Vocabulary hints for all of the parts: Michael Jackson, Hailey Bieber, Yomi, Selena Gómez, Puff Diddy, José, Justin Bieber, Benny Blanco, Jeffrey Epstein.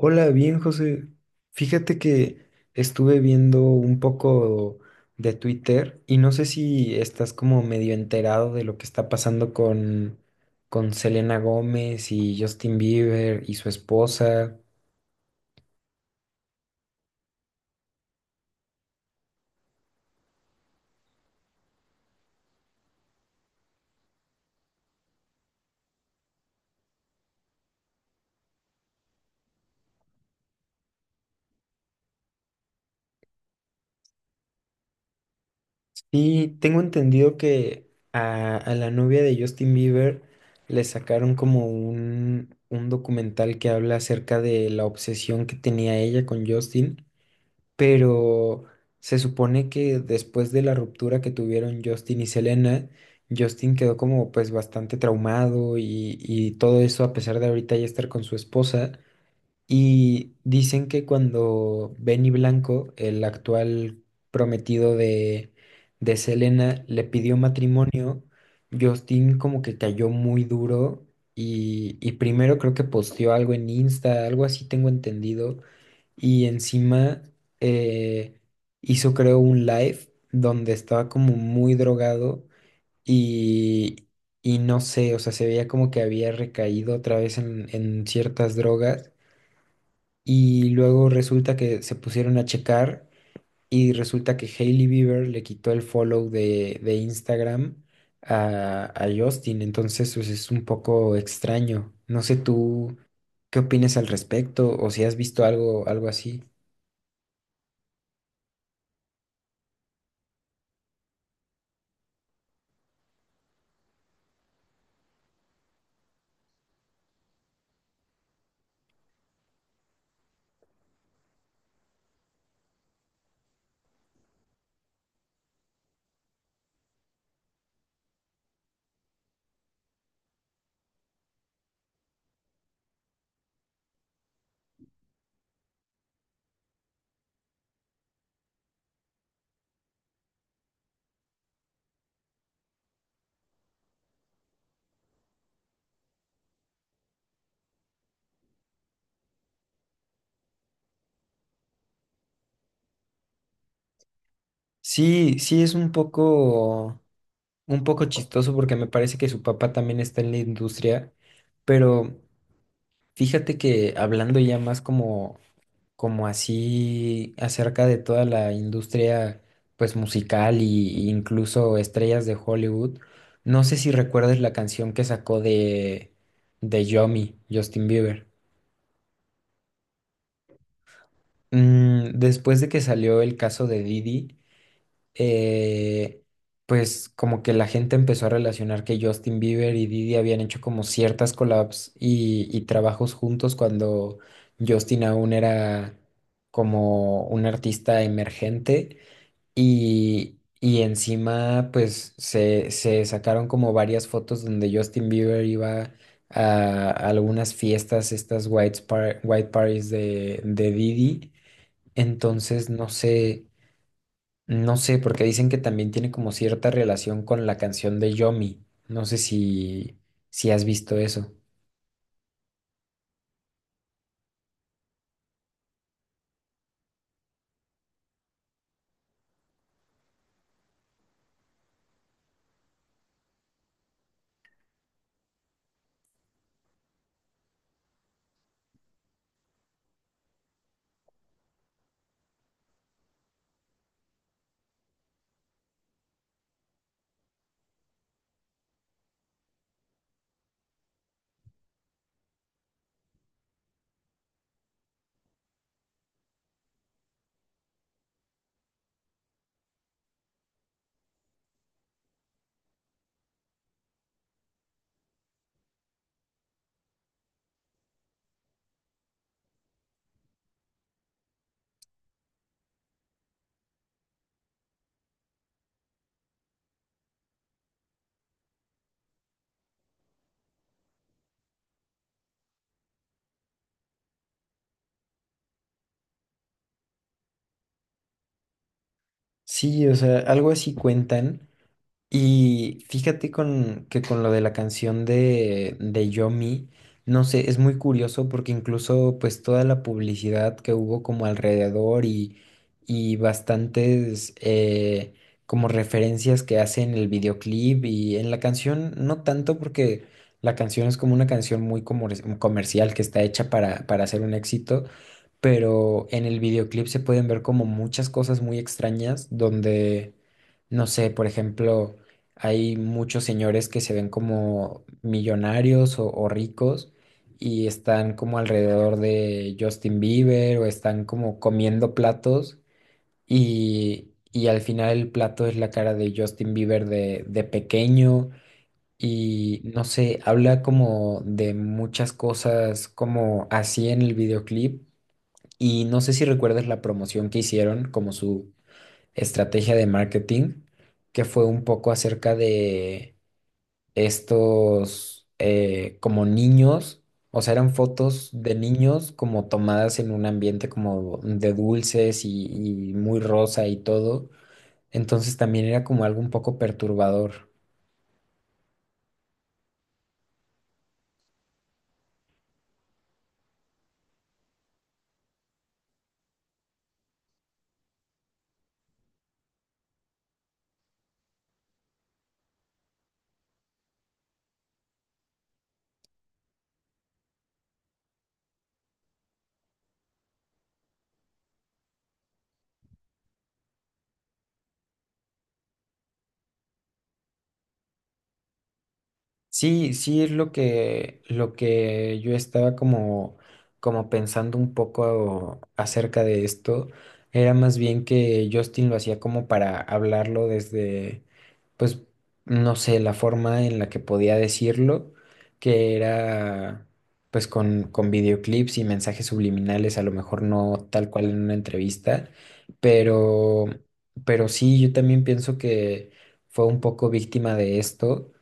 Hola, bien, José. Fíjate que estuve viendo un poco de Twitter y no sé si estás como medio enterado de lo que está pasando con Selena Gómez y Justin Bieber y su esposa. Y tengo entendido que a la novia de Justin Bieber le sacaron como un documental que habla acerca de la obsesión que tenía ella con Justin. Pero se supone que después de la ruptura que tuvieron Justin y Selena, Justin quedó como pues bastante traumado y, todo eso a pesar de ahorita ya estar con su esposa. Y dicen que cuando Benny Blanco, el actual prometido de Selena, le pidió matrimonio, Justin como que cayó muy duro y, primero creo que posteó algo en Insta, algo así tengo entendido y encima eh, hizo, creo, un live donde estaba como muy drogado y, y no sé, o sea, se veía como que había recaído otra vez en, ciertas drogas. Y luego resulta que se pusieron a checar y resulta que Hailey Bieber le quitó el follow de Instagram a Justin. Entonces, pues es un poco extraño. No sé tú qué opinas al respecto o si has visto algo, algo así. Sí, sí es un poco chistoso porque me parece que su papá también está en la industria, pero fíjate que hablando ya más como, como así acerca de toda la industria pues musical y, incluso estrellas de Hollywood, no sé si recuerdas la canción que sacó de Yomi, Justin Bieber. Mm, después de que salió el caso de Didi. eh, pues como que la gente empezó a relacionar que Justin Bieber y Diddy habían hecho como ciertas collabs y, trabajos juntos cuando Justin aún era como un artista emergente y, encima pues se sacaron como varias fotos donde Justin Bieber iba a algunas fiestas, estas white parties de Diddy. Entonces, no sé, no sé, porque dicen que también tiene como cierta relación con la canción de Yomi. No sé si, si has visto eso. Sí, o sea, algo así cuentan. Y fíjate que con lo de la canción de Yo Mi, no sé, es muy curioso porque incluso pues toda la publicidad que hubo como alrededor y bastantes como referencias que hace en el videoclip y en la canción, no tanto porque la canción es como una canción muy comercial que está hecha para, hacer un éxito, pero en el videoclip se pueden ver como muchas cosas muy extrañas donde, no sé, por ejemplo, hay muchos señores que se ven como millonarios o ricos y están como alrededor de Justin Bieber o están como comiendo platos y, al final el plato es la cara de Justin Bieber de pequeño. Y no sé, habla como de muchas cosas como así en el videoclip y no sé si recuerdas la promoción que hicieron como su estrategia de marketing, que fue un poco acerca de estos como niños, o sea, eran fotos de niños como tomadas en un ambiente como de dulces y, muy rosa y todo. Entonces también era como algo un poco perturbador. Sí, sí es lo que yo estaba como, como pensando un poco acerca de esto. Era más bien que Justin lo hacía como para hablarlo desde, pues, no sé, la forma en la que podía decirlo, que era pues con videoclips y mensajes subliminales, a lo mejor no tal cual en una entrevista, pero, sí, yo también pienso que fue un poco víctima de esto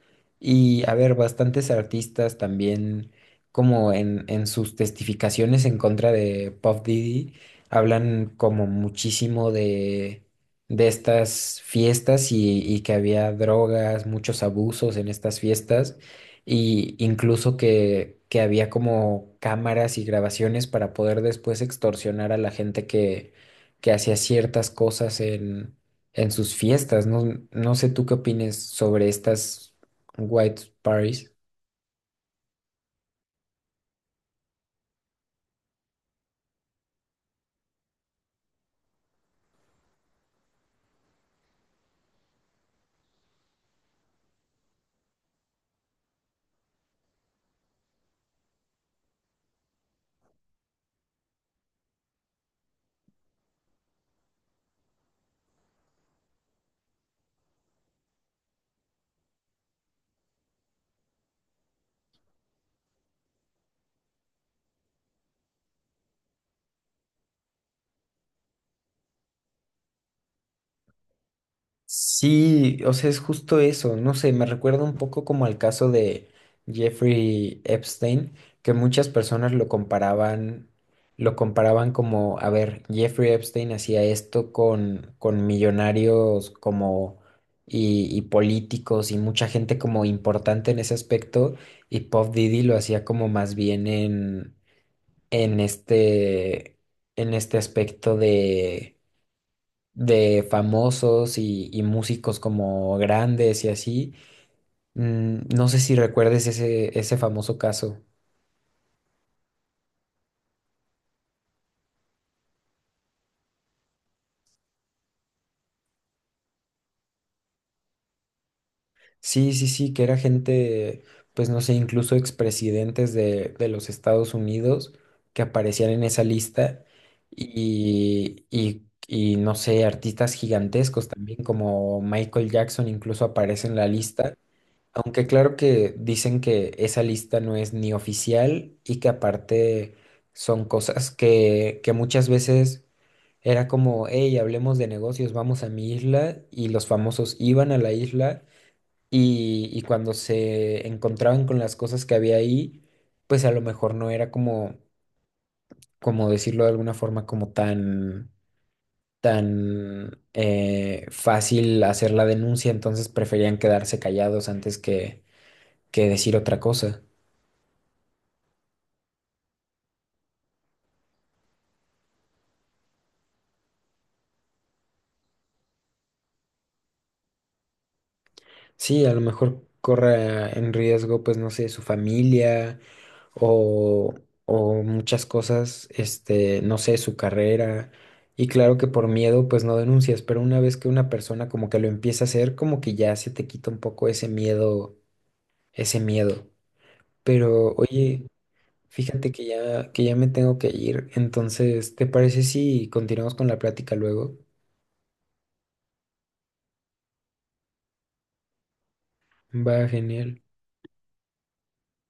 y a ver, bastantes artistas también, como en, sus testificaciones en contra de Puff Diddy, hablan como muchísimo de estas fiestas y, que había drogas, muchos abusos en estas fiestas, y incluso que había como cámaras y grabaciones para poder después extorsionar a la gente que, hacía ciertas cosas en, sus fiestas. No, no sé tú qué opines sobre estas. White Paris. Sí, o sea, es justo eso. No sé, me recuerda un poco como al caso de Jeffrey Epstein, que muchas personas lo comparaban como, a ver, Jeffrey Epstein hacía esto con millonarios como y, políticos y mucha gente como importante en ese aspecto, y Puff Diddy lo hacía como más bien en, este, en este aspecto de famosos y, músicos como grandes y así. Mm, no sé si recuerdes ese, ese famoso caso. Sí, sí, sí, que era gente, pues no sé, incluso expresidentes de los Estados Unidos que aparecían en esa lista y, no sé, artistas gigantescos también como Michael Jackson incluso aparece en la lista. Aunque claro que dicen que esa lista no es ni oficial y que aparte son cosas que, muchas veces era como, hey, hablemos de negocios, vamos a mi isla y los famosos iban a la isla y, cuando se encontraban con las cosas que había ahí, pues a lo mejor no era como, como decirlo de alguna forma, como tan, tan fácil hacer la denuncia, entonces preferían quedarse callados antes que, decir otra cosa. Sí, a lo mejor corra en riesgo, pues no sé, su familia o, muchas cosas, este, no sé, su carrera. Y claro que por miedo, pues no denuncias, pero una vez que una persona como que lo empieza a hacer, como que ya se te quita un poco ese miedo, ese miedo. Pero oye, fíjate que ya me tengo que ir, entonces, ¿te parece si continuamos con la plática luego? Va, genial.